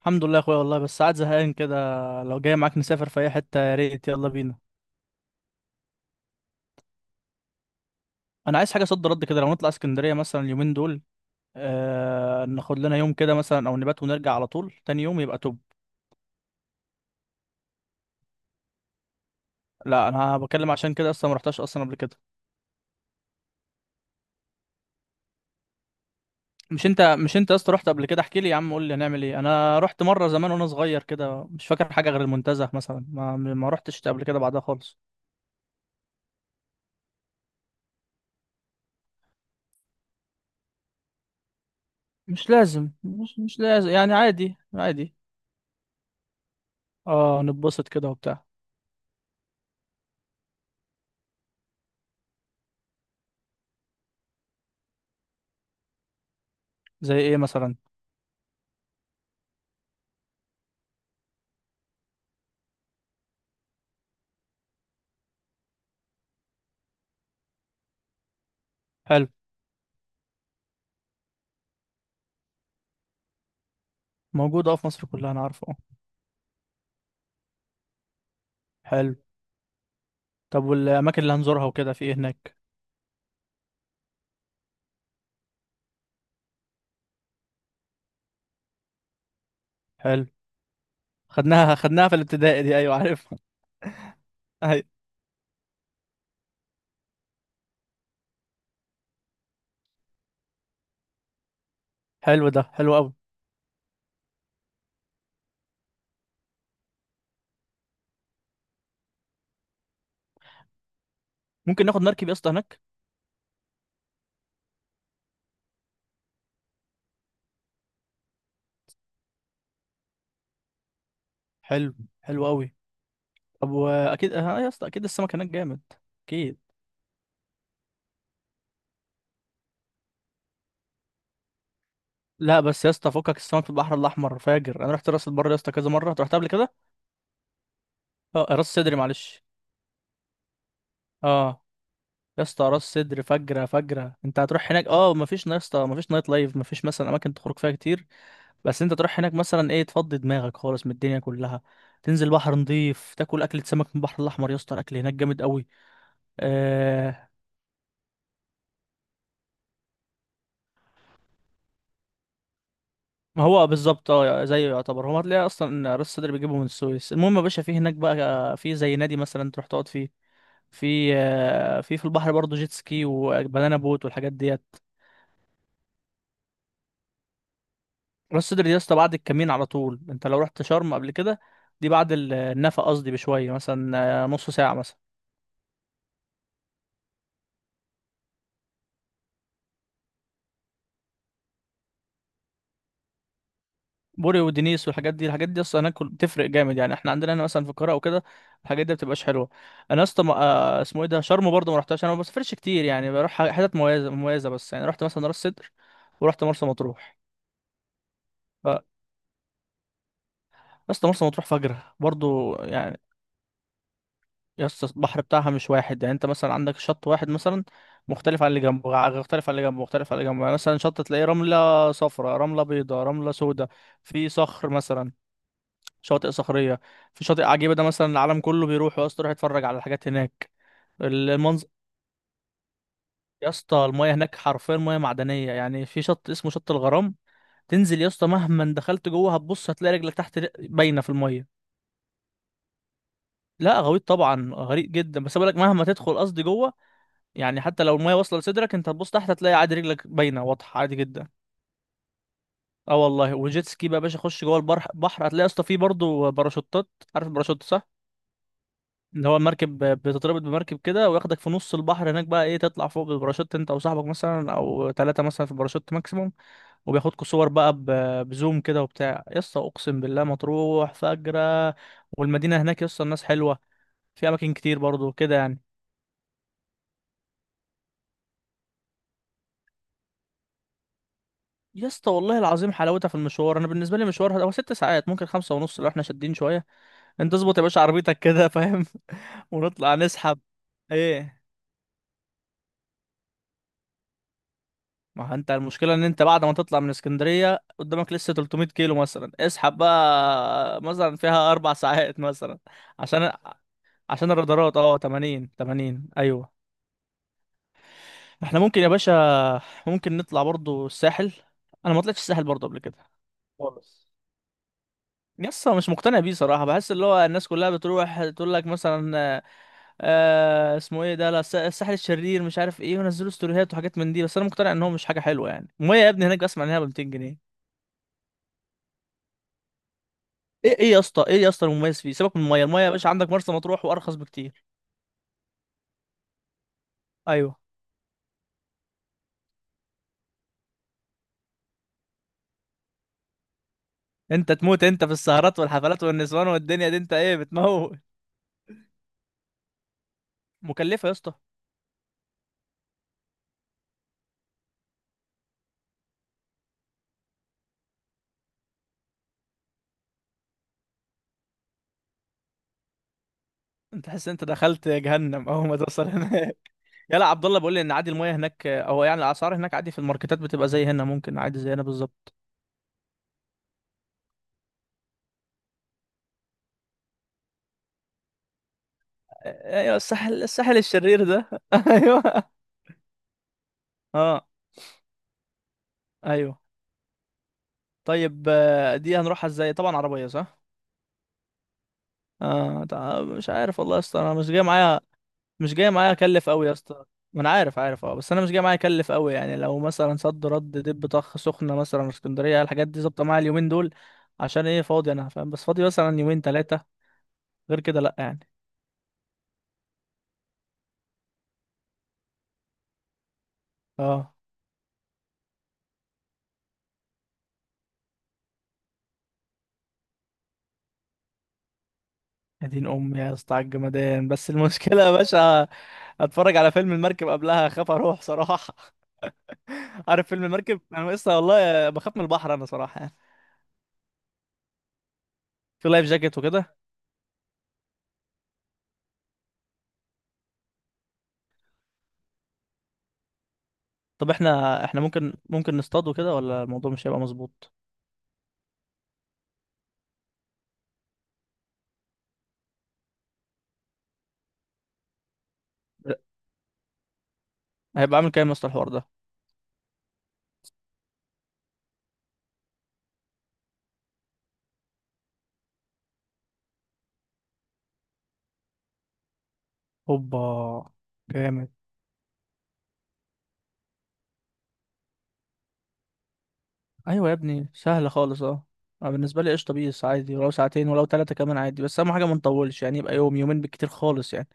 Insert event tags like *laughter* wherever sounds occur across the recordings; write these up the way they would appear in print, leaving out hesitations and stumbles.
الحمد لله يا اخويا والله، بس قاعد زهقان كده. لو جاي معاك نسافر في اي حته يا ريت، يلا بينا. انا عايز حاجه صد رد كده، لو نطلع اسكندريه مثلا اليومين دول. آه ناخد لنا يوم كده مثلا او نبات ونرجع على طول تاني يوم يبقى توب. لا انا بكلم عشان كده، اصلا ما رحتش اصلا قبل كده. مش انت يا اسطى، رحت قبل كده احكي لي يا عم، قول لي هنعمل ايه. انا رحت مره زمان وانا صغير كده، مش فاكر حاجه غير المنتزه مثلا، ما رحتش قبل كده بعدها خالص. مش لازم يعني، عادي عادي. اه نتبسط كده وبتاع. زي ايه مثلا؟ حلو. موجود اه في مصر كلها، انا عارفه اه. حلو. طب والاماكن اللي هنزورها وكده في ايه هناك؟ حلو. خدناها خدناها في الابتدائي دي، ايوه عارفها. *laughs* ايوه. حلو، ده حلو قوي. ممكن ناخد مركب يا اسطى هناك؟ حلو، حلو قوي. طب واكيد اه يا اسطى، اكيد السمك هناك جامد، اكيد. لا بس يا اسطى، فكك، السمك في البحر الاحمر فاجر. انا رحت راس البر يا اسطى كذا مره، أنت رحت قبل كده؟ اه راس صدري، معلش. اه. يا اسطى راس صدري فجره فجره، انت هتروح هناك اه مفيش يا اسطى مفيش نايت لايف، مفيش مثلا اماكن تخرج فيها كتير، بس انت تروح هناك مثلا ايه، تفضي دماغك خالص من الدنيا كلها. تنزل بحر نضيف، تاكل اكلة سمك من البحر الاحمر، يا اسطى الاكل هناك جامد قوي. آه. ما هو بالظبط اه زيه يعتبر، هو هتلاقيه اصلا ان راس صدر بيجيبه من السويس. المهم يا باشا في هناك بقى في زي نادي مثلا تروح تقعد فيه، في في البحر برضه جيت سكي وبنانا بوت والحاجات ديت. راس صدر دي يا اسطى بعد الكمين على طول، انت لو رحت شرم قبل كده، دي بعد النفق قصدي بشوية مثلا، نص ساعة مثلا. بوري ودينيس والحاجات دي، الحاجات دي اصلا هناك بتفرق جامد، يعني احنا عندنا هنا مثلا في القاهره او كده الحاجات دي بتبقاش حلوه. انا اصلا اسمه ايه ده، شرم برضه ما رحتهاش، انا ما بسافرش كتير، يعني بروح حتت مميزه بس يعني. رحت مثلا راس سدر، ورحت مرسى مطروح. ف اصلا مرسى مطروح فجره برضه يعني. يا اسطى البحر بتاعها مش واحد، يعني انت مثلا عندك شط واحد مثلا مختلف عن اللي جنبه، مختلف عن اللي جنبه مختلف عن اللي جنبه. يعني مثلا شط تلاقيه رمله صفراء، رمله بيضاء، رمله سوداء. في صخر مثلا، شواطئ صخريه. في شاطئ عجيبه ده مثلا العالم كله بيروح يا اسطى، يروح يتفرج على الحاجات هناك. المنظر. يا اسطى المايه هناك حرفيا مياه معدنيه، يعني في شط اسمه شط الغرام. تنزل يا اسطى مهما دخلت جوه هتبص هتلاقي رجلك تحت باينه في المايه. لا غويط طبعا، غريق جدا، بس بقولك مهما تدخل قصدي جوه، يعني حتى لو المايه واصله لصدرك انت هتبص تحت هتلاقي عادي رجلك باينه واضحه عادي جدا. اه والله. وجيت سكي بقى يا باشا، خش جوه البحر بحر هتلاقي يا اسطى فيه برضه باراشوتات. عارف الباراشوت صح؟ اللي هو المركب بتتربط بمركب كده وياخدك في نص البحر هناك بقى ايه، تطلع فوق بالباراشوت انت وصاحبك مثلا او ثلاثة مثلا في الباراشوت ماكسيموم. وبياخدكوا صور بقى بزوم كده وبتاع، يا اسطى اقسم بالله مطروح فجرة. والمدينة هناك يا اسطى الناس حلوة، في اماكن كتير برضو كده يعني. يا اسطى والله العظيم حلاوتها في المشوار، انا بالنسبة لي مشوار هو ست ساعات، ممكن خمسة ونص لو احنا شادين شوية. انت اظبط يا باشا عربيتك كده فاهم. *laughs* ونطلع نسحب. ايه. ما هو انت المشكلة ان انت بعد ما تطلع من اسكندرية قدامك لسه 300 كيلو مثلا، اسحب بقى مثلا فيها اربع ساعات مثلا. عشان عشان الرادارات اه، 80 80، ايوه. احنا ممكن يا باشا ممكن نطلع برضو الساحل، انا ما طلعتش الساحل برضو قبل كده خالص. يسا مش مقتنع بيه صراحة، بحس اللي هو الناس كلها بتروح تقول لك مثلا آه، اسمه ايه ده، لا الساحل الشرير مش عارف ايه، ونزلوا ستوريهات وحاجات من دي، بس انا مقتنع ان هو مش حاجة حلوة. يعني المية يا ابني هناك بسمع انها ب 200 جنيه. ايه، ايه يا اسطى، ايه يا اسطى المميز فيه؟ سيبك من الميه، الميه يا باشا عندك مرسى مطروح وارخص بكتير. ايوه. انت تموت انت في السهرات والحفلات والنسوان والدنيا دي، انت ايه بتموت. مكلفه يا اسطى. انت تحس انت دخلت جهنم اول ما توصل هناك. *laughs* يلا، عبد الله بيقول لي ان عادي الميه هناك، او يعني الاسعار هناك عادي، في الماركتات بتبقى زي هنا، ممكن عادي زي هنا بالظبط. آه، ايوه، الساحل الشرير ده، *laughs* ايوه. اه. ايوه. طيب آه، دي هنروحها ازاي؟ طبعا عربيه صح. اه، مش عارف والله يا اسطى انا مش جاي معايا. مش جاي معايا اكلف قوي يا اسطى. ما انا عارف، عارف اه، بس انا مش جاي معايا اكلف قوي. يعني لو مثلا صد رد دب طخ، سخنه مثلا، اسكندريه، الحاجات دي ظابطه معايا اليومين دول. عشان ايه، فاضي انا فاهم، بس فاضي مثلا يومين ثلاثه، غير كده لا يعني. اه. يا دين امي يا اسطى على الجمدان، بس المشكله يا باشا اتفرج على فيلم المركب قبلها اخاف اروح صراحه. *laughs* عارف فيلم المركب؟ انا لسه والله بخاف من البحر انا صراحه يعني. في لايف جاكيت وكده؟ طب احنا احنا ممكن نصطاد وكده ولا الموضوع مش هيبقى مظبوط؟ لا. هيبقى عامل كام يا اسطى الحوار ده؟ اوبا. جامد. ايوه يا ابني سهله خالص اه. أنا بالنسبه لي قشطه بيس، عادي ولو ساعتين ولو ثلاثه كمان عادي، بس اهم حاجه ما نطولش، يعني يبقى يوم يومين بالكتير خالص يعني.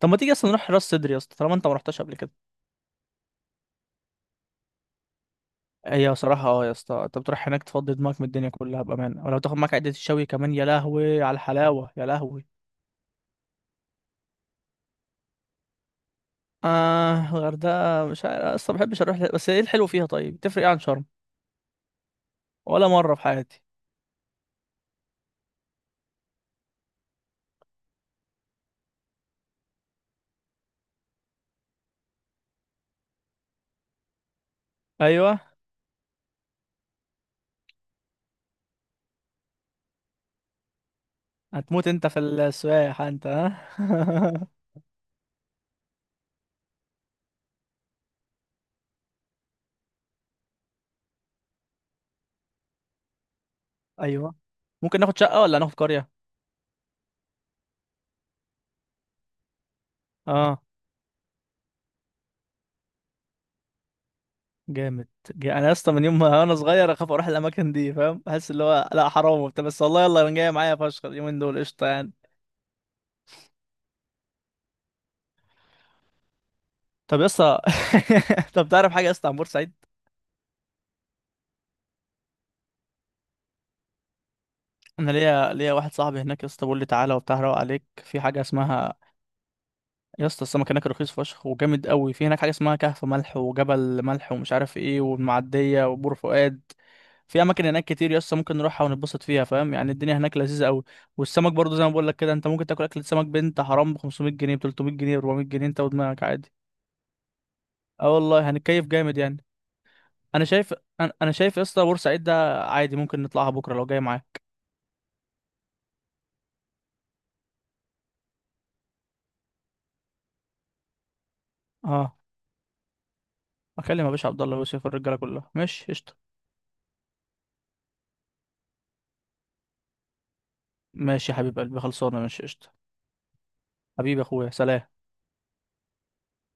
طب ما تيجي اصلا نروح راس صدري يا اسطى طالما انت ما رحتش قبل كده. هي صراحه اه يا اسطى، انت بتروح هناك تفضي دماغك من الدنيا كلها بامانه، ولو تاخد معاك عده الشوي كمان، يا لهوي على الحلاوه، يا لهوي. اه الغردقه مش عارف، اصلا ما بحبش اروح بس ايه الحلو فيها طيب؟ تفرق ايه عن شرم؟ ولا مره في حياتي. ايوه. هتموت انت في السواح انت، ها. *laughs* ايوه. ممكن ناخد شقه ولا هناخد قريه؟ اه. جامد. انا يا اسطى من يوم ما *laughs* انا صغير اخاف اروح الاماكن دي فاهم، احس اللي هو لا حرام وبتاع، بس والله يلا، انا جايه معايا فشخ اليومين دول قشطه يعني. طب يا اسطى *laughs* طب تعرف حاجه يا اسطى عن بورسعيد؟ انا ليا واحد صاحبي هناك يا اسطى بيقول لي تعالى وبتاع روق عليك، في حاجه اسمها، يا اسطى السمك هناك رخيص فشخ وجامد قوي. في هناك حاجه اسمها كهف ملح وجبل ملح ومش عارف ايه، والمعديه وبور فؤاد. في اماكن هناك كتير يا اسطى ممكن نروحها ونتبسط فيها فاهم، يعني الدنيا هناك لذيذه قوي. والسمك برضو زي ما بقول لك كده، انت ممكن تاكل اكل سمك بنت حرام ب 500 جنيه، ب 300 جنيه، ب 400 جنيه، انت ودماغك عادي. اه والله هنتكيف جامد يعني. انا شايف، انا شايف يا اسطى بورسعيد ده عادي ممكن نطلعها بكره لو جاي معايا. اه. اكلم يا باشا عبد الله ويوسف، الرجاله كلها ماشي قشطه. ماشي يا حبيب قلبي، خلصانه، ماشي قشطه. حبيبي يا اخويا، سلام.